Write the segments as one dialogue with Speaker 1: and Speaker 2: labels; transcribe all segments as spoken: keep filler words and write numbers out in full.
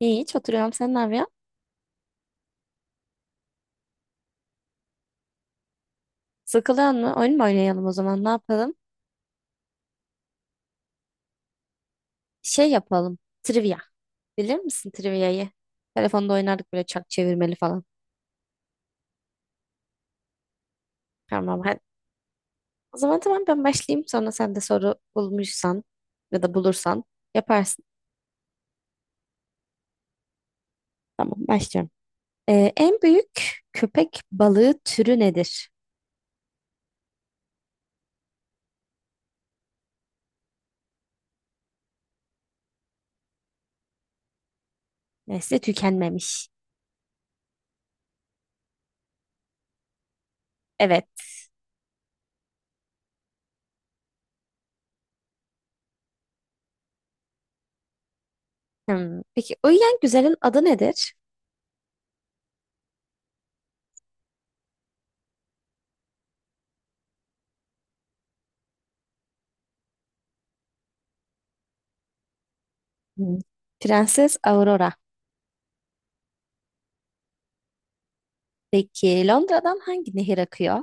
Speaker 1: İyi, hiç oturuyorum. Sen ne yapıyorsun? Sıkılıyor mu? Oyun mu oynayalım o zaman? Ne yapalım? Şey yapalım. Trivia. Bilir misin trivia'yı? Telefonda oynardık böyle çak çevirmeli falan. Tamam. tamam. Hadi. O zaman tamam ben başlayayım. Sonra sen de soru bulmuşsan ya da bulursan yaparsın. Tamam başlıyorum. Ee, en büyük köpek balığı türü nedir? Nesli tükenmemiş. Evet. Hmm. Peki uyuyan güzelin adı nedir? Hmm. Prenses Aurora. Peki Londra'dan hangi nehir akıyor?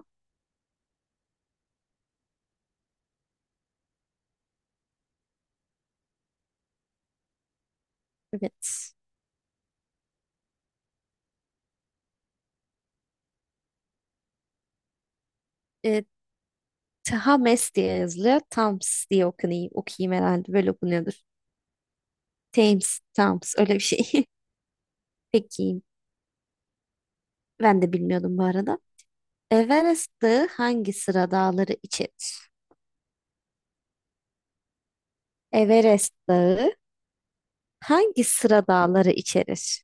Speaker 1: Evet. E, Thames diye yazılıyor. Thames diye okunuyor, okuyayım herhalde. Böyle okunuyordur. Thames, Thames öyle bir şey. Peki ben de bilmiyordum bu arada. Everest Dağı hangi sıra dağları içerir? Everest Dağı hangi sıra dağları içerir?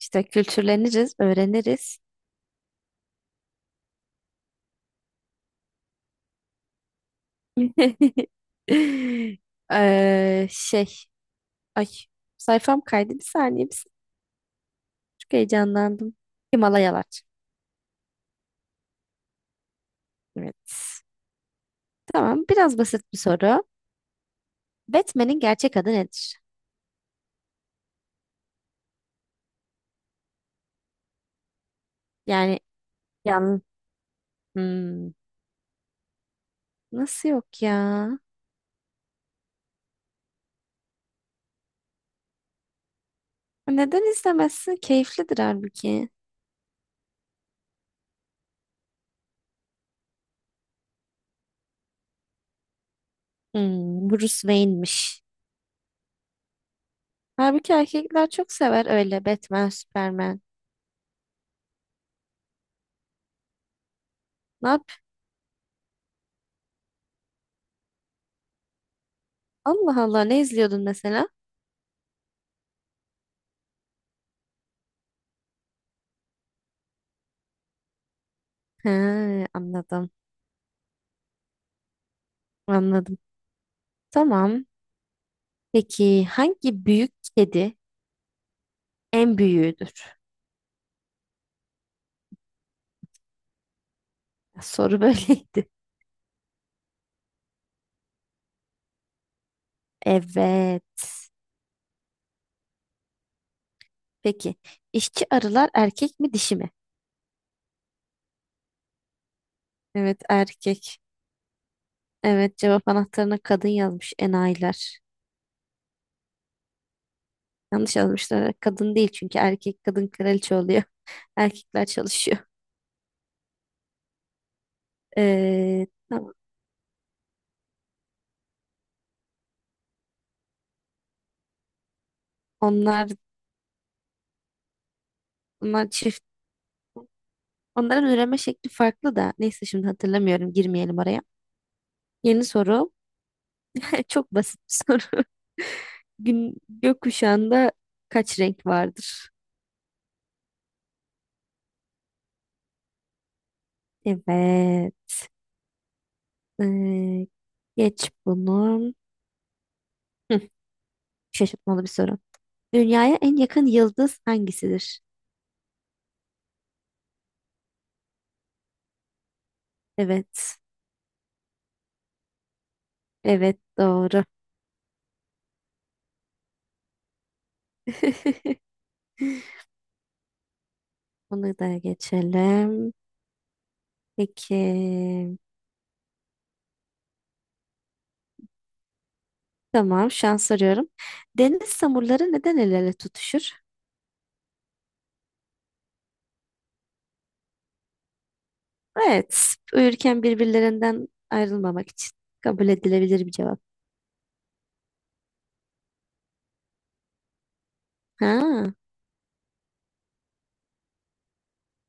Speaker 1: İşte kültürleniriz, öğreniriz. Ee, şey, ay sayfam kaydı bir saniye. Bir saniye. Çok heyecanlandım. Himalayalar. Evet. Tamam, biraz basit bir soru. Batman'in gerçek adı nedir? Yani yan. Hmm, nasıl yok ya? Neden izlemezsin? Keyiflidir halbuki. Hmm, Bruce Wayne'miş. Halbuki erkekler çok sever öyle Batman, Superman. Ne yap? Allah Allah ne izliyordun mesela? He, anladım. Anladım. Tamam. Peki hangi büyük kedi en büyüğüdür? Soru böyleydi. Evet. Peki, işçi arılar erkek mi dişi mi? Evet erkek. Evet cevap anahtarına kadın yazmış enayiler. Yanlış yazmışlar. Kadın değil çünkü erkek kadın kraliçe oluyor. Erkekler çalışıyor. Ee, tamam. Onlar, onlar çift. Onların üreme şekli farklı da. Neyse şimdi hatırlamıyorum. Girmeyelim oraya. Yeni soru. Çok basit bir soru. Gün, gökkuşağında kaç renk vardır? Evet. Ee, geç bunu. Hı, şaşırtmalı bir soru. Dünyaya en yakın yıldız hangisidir? Evet. Evet doğru. Bunu da geçelim. Peki. Tamam şans soruyorum. Deniz samurları neden el ele tutuşur? Evet. Uyurken birbirlerinden ayrılmamak için. Kabul edilebilir bir cevap. Ha,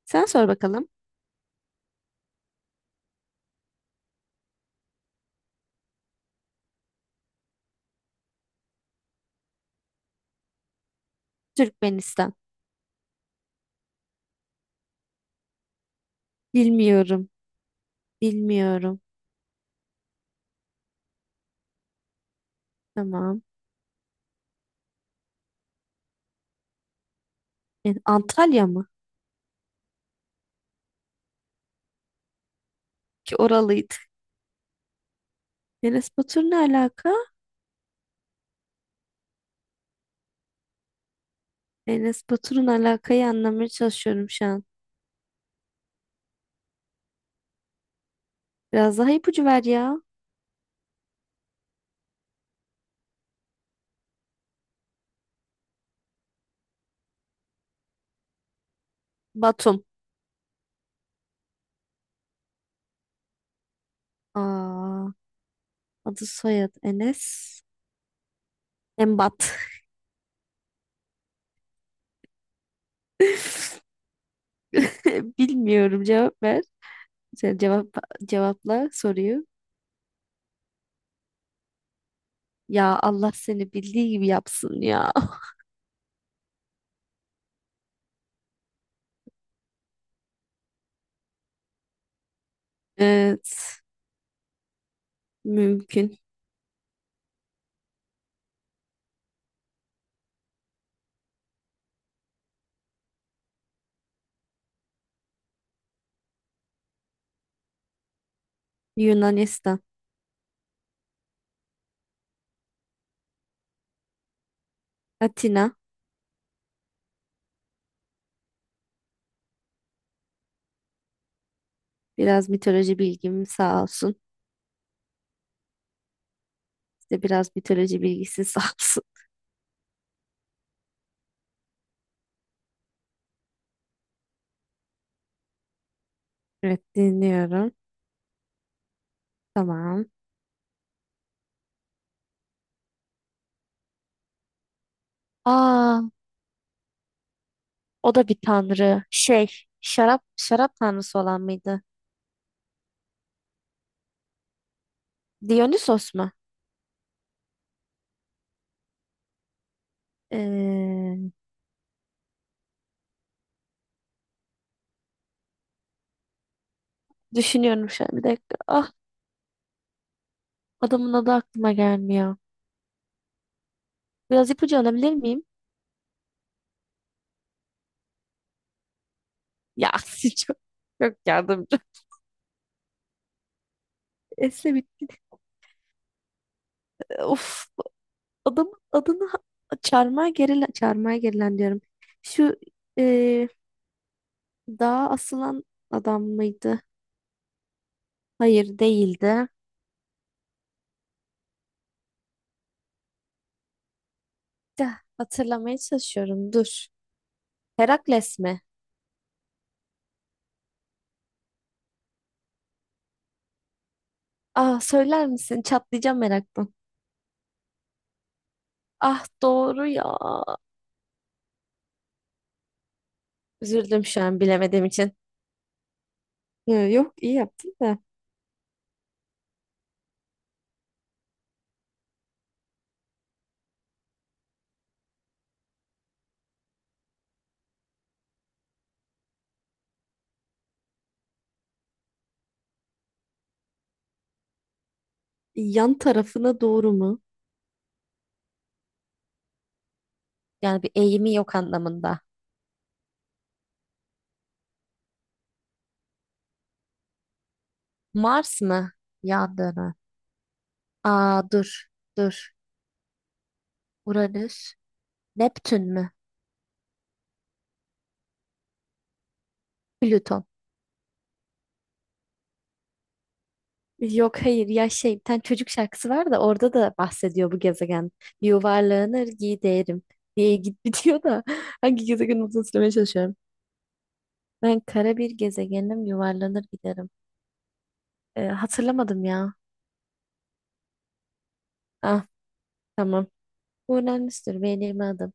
Speaker 1: sen sor bakalım. Türkmenistan. Bilmiyorum. Bilmiyorum. Tamam. Yani Antalya mı? Ki oralıydı. Enes Batur ne alaka? Enes Batur'un alakayı anlamaya çalışıyorum şu an. Biraz daha ipucu ver ya. Batum. Aa. Adı soyadı Enes. Embat. Bilmiyorum cevap ver. Sen cevap cevapla soruyu. Ya Allah seni bildiği gibi yapsın ya. Evet. Mümkün. Yunanistan. Atina. Biraz mitoloji bilgim sağ olsun. İşte biraz mitoloji bilgisi sağ olsun. Evet dinliyorum. Tamam. Aa, o da bir tanrı. Şey, şarap şarap tanrısı olan mıydı? Dionysos mu? Ee, düşünüyorum şu an bir dakika. Ah, adamın adı aklıma gelmiyor. Biraz ipucu alabilir miyim? Ya siz çok, çok yardımcı. Esle bitti. Of, adamın adını ha- çarmıha gerilen, çarmıha gerilen diyorum. Şu e, dağa asılan adam mıydı? Hayır değildi. Ya, hatırlamaya çalışıyorum. Dur. Herakles mi? Ah söyler misin? Çatlayacağım meraktan. Ah doğru ya. Üzüldüm şu an bilemediğim için. Ee, Yok iyi yaptın da. Yan tarafına doğru mu? Yani bir eğimi yok anlamında. Mars mı? Yan dönen. Aa dur. Dur. Uranüs. Neptün mü? Plüton. Yok hayır ya şey bir tane çocuk şarkısı var da orada da bahsediyor bu gezegen. Yuvarlanır giderim diye git bitiyor da hangi gezegen olduğunu söylemeye çalışıyorum. Ben kara bir gezegenim yuvarlanır giderim. Ee, hatırlamadım ya. Ah tamam. Uranüs'tür benim adım.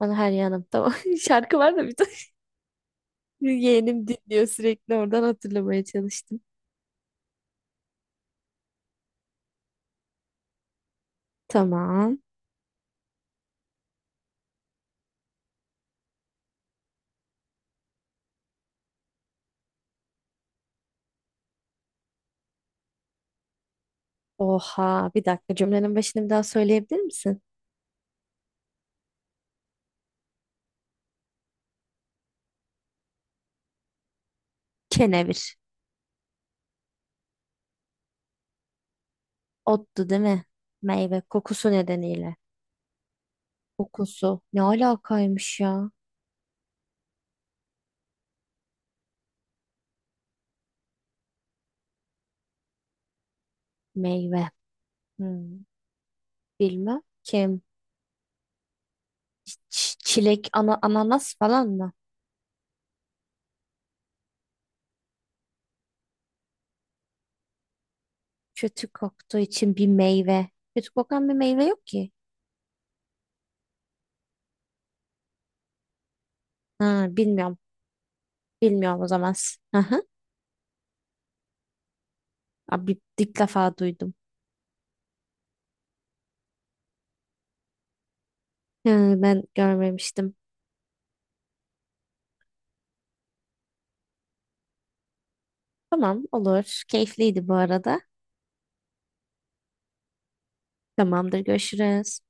Speaker 1: Bana her yanım. Tamam. Şarkı var da bir de. Yeğenim dinliyor sürekli oradan hatırlamaya çalıştım. Tamam. Oha bir dakika cümlenin başını bir daha söyleyebilir misin? Kenevir. Ottu değil mi? Meyve kokusu nedeniyle. Kokusu. Ne alakaymış ya? Meyve. Hmm, bilmem. Kim? Ç- çilek, ana ananas falan mı? Kötü koktuğu için bir meyve. Kötü kokan bir meyve yok ki. Ha, bilmiyorum. Bilmiyorum o zaman. Hı hı. Abi ilk defa duydum. Hı, ben görmemiştim. Tamam olur. Keyifliydi bu arada. Tamamdır görüşürüz.